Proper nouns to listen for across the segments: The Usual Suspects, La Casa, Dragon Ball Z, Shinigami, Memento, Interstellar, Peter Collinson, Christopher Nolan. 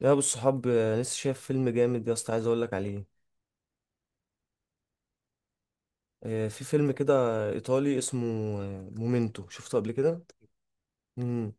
يا ابو الصحاب لسه شايف فيلم جامد يا اسطى عايز اقول لك عليه. في فيلم كده ايطالي اسمه مومينتو شفته قبل كده. امم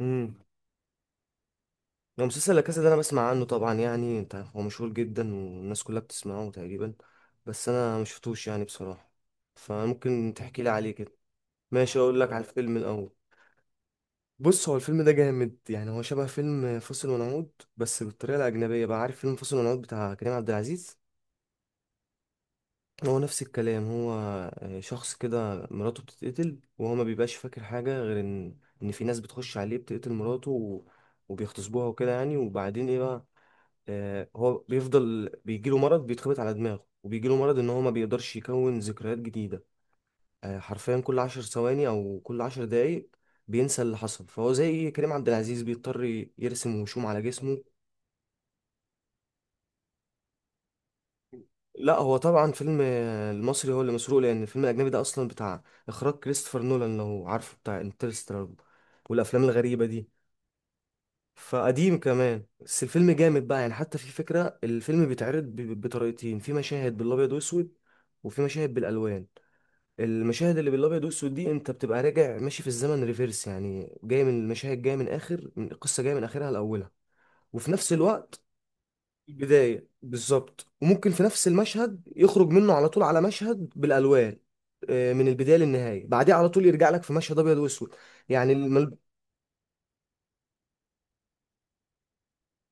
امم لو مسلسل لا كاسا ده انا بسمع عنه طبعا، يعني انت عارف هو مشهور جدا والناس كلها بتسمعه تقريبا، بس انا ما شفتوش يعني بصراحه، فممكن تحكي لي عليه كده. ماشي اقول لك على الفيلم الاول. بص هو الفيلم ده جامد، يعني هو شبه فيلم فاصل ونعود بس بالطريقه الاجنبيه بقى، عارف فيلم فاصل ونعود بتاع كريم عبد العزيز؟ هو نفس الكلام هو. شخص كده مراته بتتقتل وهو ما بيبقاش فاكر حاجة غير ان في ناس بتخش عليه بتقتل مراته وبيغتصبوها وكده يعني، وبعدين ايه بقى، هو بيفضل بيجيله مرض بيتخبط على دماغه وبيجيله مرض ان هو ما بيقدرش يكون ذكريات جديدة. حرفيا كل 10 ثواني او كل 10 دقايق بينسى اللي حصل، فهو زي كريم عبد العزيز بيضطر يرسم وشوم على جسمه. لا هو طبعا فيلم المصري هو اللي مسروق، لان الفيلم الاجنبي ده اصلا بتاع اخراج كريستوفر نولان، لو عارفه بتاع انترستيلر والافلام الغريبه دي. فقديم كمان، بس الفيلم جامد بقى يعني. حتى في فكره الفيلم بيتعرض بطريقتين، في مشاهد بالابيض واسود وفي مشاهد بالالوان. المشاهد اللي بالابيض واسود دي انت بتبقى راجع ماشي في الزمن ريفيرس، يعني جاي من المشاهد، جايه من اخر من القصه، جايه من اخرها لاولها. وفي نفس الوقت البداية بالظبط. وممكن في نفس المشهد يخرج منه على طول على مشهد بالألوان، من البداية للنهاية، بعديه على طول يرجع لك في مشهد أبيض وأسود. يعني المل...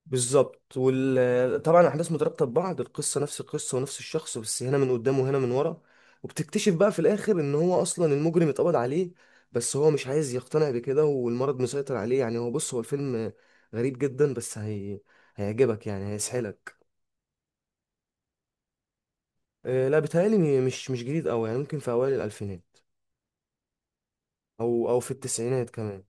بالظبط. وطبعا الأحداث مترابطة ببعض، القصة نفس القصة ونفس الشخص، بس هنا من قدام وهنا من ورا. وبتكتشف بقى في الآخر إن هو أصلا المجرم اتقبض عليه، بس هو مش عايز يقتنع بكده والمرض مسيطر عليه يعني. هو بص هو الفيلم غريب جدا، هيعجبك يعني، هيسحلك. لا بيتهيألي مش جديد أوي يعني، ممكن في أوائل الألفينات او او في التسعينات كمان.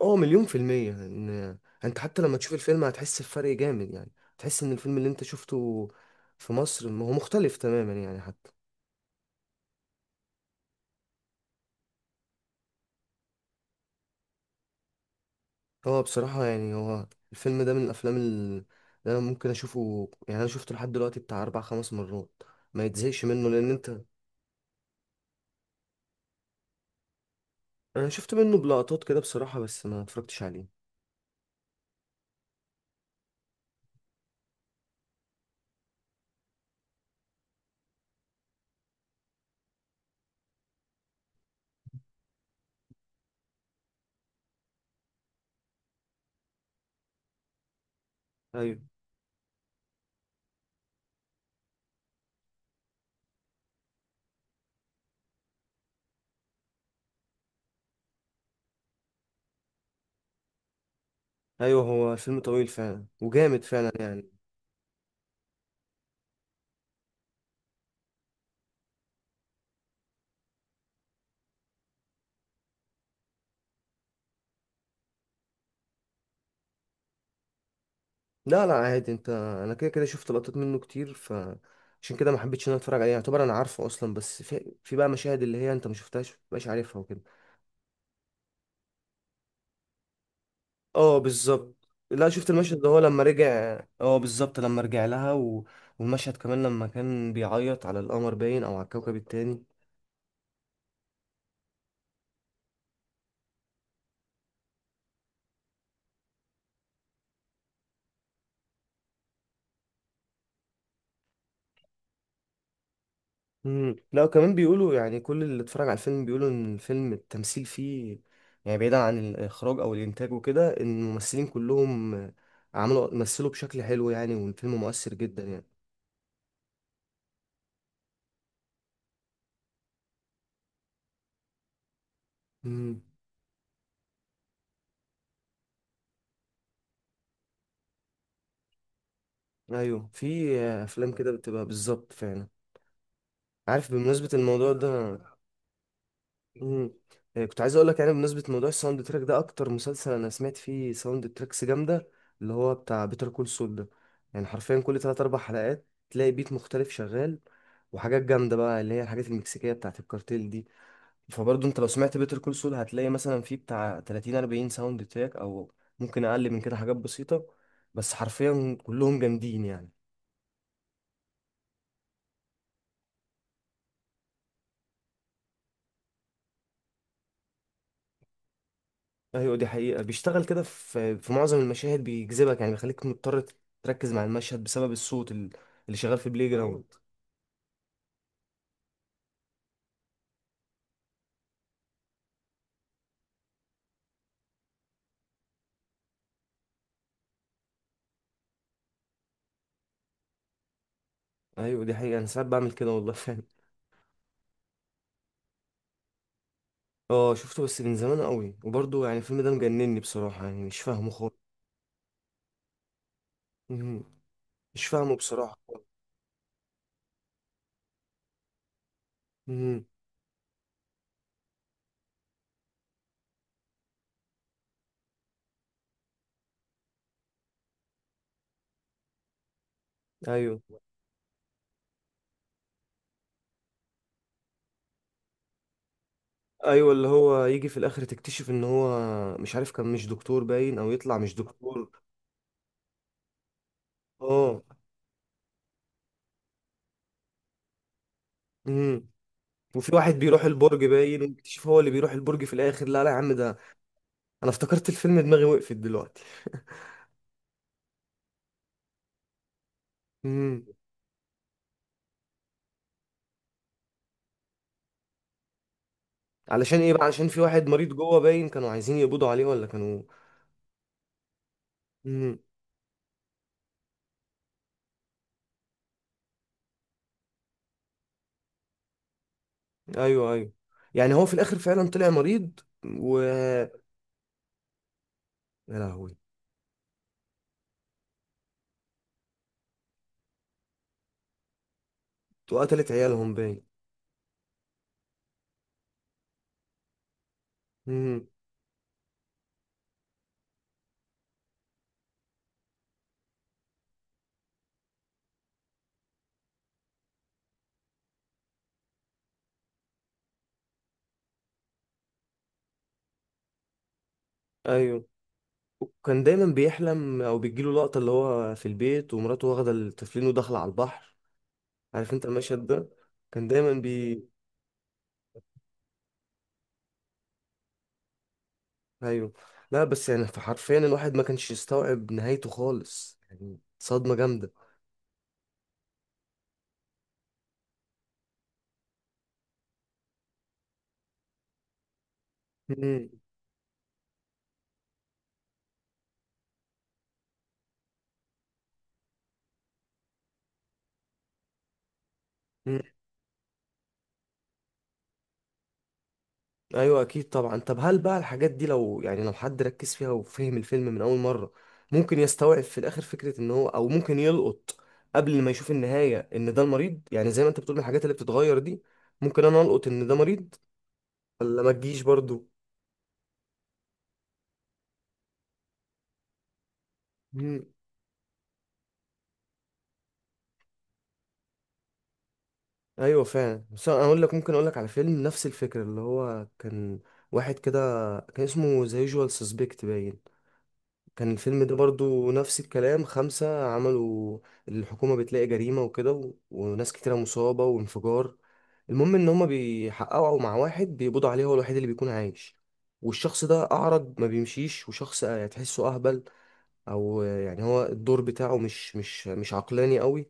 اه 100% ان انت حتى لما تشوف الفيلم هتحس بفرق جامد يعني. تحس ان الفيلم اللي انت شفته في مصر هو مختلف تماما يعني حتى. هو بصراحة يعني هو الفيلم ده من اللي انا ممكن اشوفه، يعني انا شفته لحد دلوقتي بتاع 4 5 مرات ما يتزهقش منه، لان انت انا شفت منه بلقطات كده بصراحة، بس ما اتفرجتش عليه. ايوه ايوه، هو الفيلم طويل فعلا وجامد فعلا يعني. لا لا عادي انت. انا كده كده شفت لقطات منه كتير، فعشان كده ما حبيتش ان انا اتفرج عليه، يعتبر انا عارفه اصلا، بس في بقى مشاهد اللي هي انت ما شفتهاش ما بقاش عارفها وكده. اه بالظبط، لا شفت المشهد ده هو لما رجع، اه بالظبط لما رجع لها والمشهد كمان لما كان بيعيط على القمر باين او على الكوكب التاني. مم. لا وكمان بيقولوا يعني كل اللي اتفرج على الفيلم بيقولوا ان الفيلم التمثيل فيه، يعني بعيدا عن الاخراج او الانتاج وكده، ان الممثلين كلهم مثلوا بشكل حلو يعني، والفيلم مؤثر جدا يعني. مم. ايوه في افلام كده بتبقى بالظبط فعلا. عارف بمناسبة الموضوع ده، مم. إيه، كنت عايز اقول لك يعني بمناسبه موضوع الساوند تراك ده، اكتر مسلسل انا سمعت فيه ساوند تراكس جامده اللي هو بتاع بيتر كول سول ده. يعني حرفيا كل 3 4 حلقات تلاقي بيت مختلف شغال، وحاجات جامده بقى اللي هي الحاجات المكسيكيه بتاعت الكارتيل دي. فبرضه انت لو سمعت بيتر كول سول هتلاقي مثلا فيه بتاع 30 40 ساوند تراك، او ممكن اقل من كده، حاجات بسيطه، بس حرفيا كلهم جامدين يعني. ايوه دي حقيقة، بيشتغل كده في معظم المشاهد، بيجذبك يعني، بيخليك مضطر تركز مع المشهد بسبب اللي شغال في البلاي جراوند. ايوه دي حقيقة، انا ساعات بعمل كده والله فعلا. اه شفته بس من زمان قوي، وبرضه يعني الفيلم ده مجنني بصراحة، يعني مش فاهمه خالص. مهم. مش فاهمه بصراحة خالص. مهم. ايوه ايوه، اللي هو يجي في الاخر تكتشف ان هو مش عارف، كان مش دكتور باين او يطلع مش دكتور. اه. مهم. وفي واحد بيروح البرج باين، ويكتشف هو اللي بيروح البرج في الاخر. لا لا يا عم ده انا افتكرت الفيلم دماغي وقفت دلوقتي. امم. علشان ايه بقى؟ علشان في واحد مريض جوه باين كانوا عايزين يقبضوا عليه، ولا كانوا. امم. ايوه ايوه، يعني هو في الاخر فعلا طلع مريض و يا لهوي. وقتلت عيالهم باين. امم. ايوه وكان دايما بيحلم، او بتجيله لقطة اللي هو في البيت ومراته واخدة التفلين وداخلة على البحر. عارف انت المشهد ده؟ كان دايما بي ايوه. لا بس يعني حرفيا الواحد ما كانش يستوعب نهايته خالص، يعني صدمة جامدة. امم. ايوه اكيد طبعا. طب هل بقى الحاجات دي، لو يعني لو حد ركز فيها وفهم الفيلم من اول مره، ممكن يستوعب في الاخر فكره ان هو، او ممكن يلقط قبل ما يشوف النهايه ان ده المريض، يعني زي ما انت بتقول الحاجات اللي بتتغير دي، ممكن انا القط ان ده مريض، ولا ما تجيش برضو؟ مم. ايوه فعلا. بس انا اقول لك، ممكن اقول لك على فيلم نفس الفكره، اللي هو كان واحد كده كان اسمه ذا يوجوال سسبكت باين، كان الفيلم ده برضو نفس الكلام. 5 عملوا الحكومة بتلاقي جريمة وكده وناس كتيرة مصابة وانفجار. المهم إن هما بيحققوا مع واحد بيقبضوا عليه، هو الوحيد اللي بيكون عايش. والشخص ده أعرج ما بيمشيش، وشخص تحسه أهبل، أو يعني هو الدور بتاعه مش عقلاني قوي.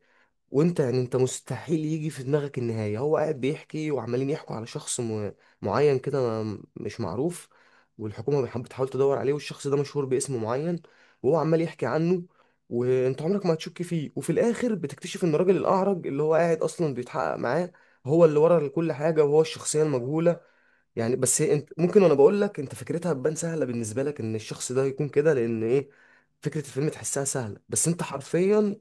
وانت يعني انت مستحيل يجي في دماغك النهاية. هو قاعد بيحكي وعمالين يحكوا على معين كده، مش معروف، والحكومة بتحاول تدور عليه، والشخص ده مشهور باسم معين، وهو عمال يحكي عنه، وانت عمرك ما هتشك فيه. وفي الاخر بتكتشف ان الراجل الاعرج اللي هو قاعد اصلا بيتحقق معاه هو اللي ورا كل حاجة، وهو الشخصية المجهولة. يعني بس هي انت ممكن، وانا بقول لك انت فكرتها تبان سهلة بالنسبة لك ان الشخص ده يكون كده، لان ايه فكرة الفيلم تحسها سهلة، بس انت حرفيا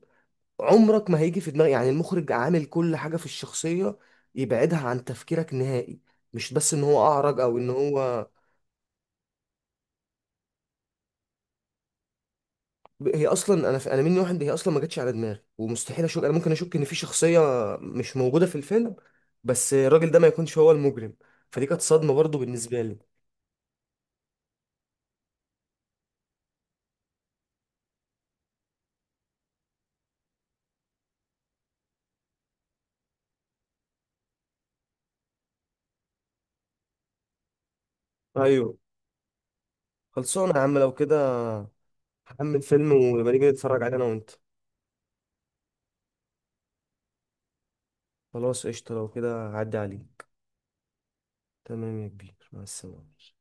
عمرك ما هيجي في دماغك، يعني المخرج عامل كل حاجة في الشخصية يبعدها عن تفكيرك نهائي، مش بس ان هو اعرج او ان هو. هي اصلا انا مني واحد، هي اصلا ما جاتش على دماغي، ومستحيل اشك، انا ممكن اشك ان في شخصية مش موجودة في الفيلم، بس الراجل ده ما يكونش هو المجرم. فدي كانت صدمة برضو بالنسبة لي. ايوه خلصانة يا عم لو كده، هحمل فيلم ونبقى نيجي نتفرج عليه انا وانت. خلاص قشطة لو كده، عدي عليك. تمام يا كبير مع السلامة.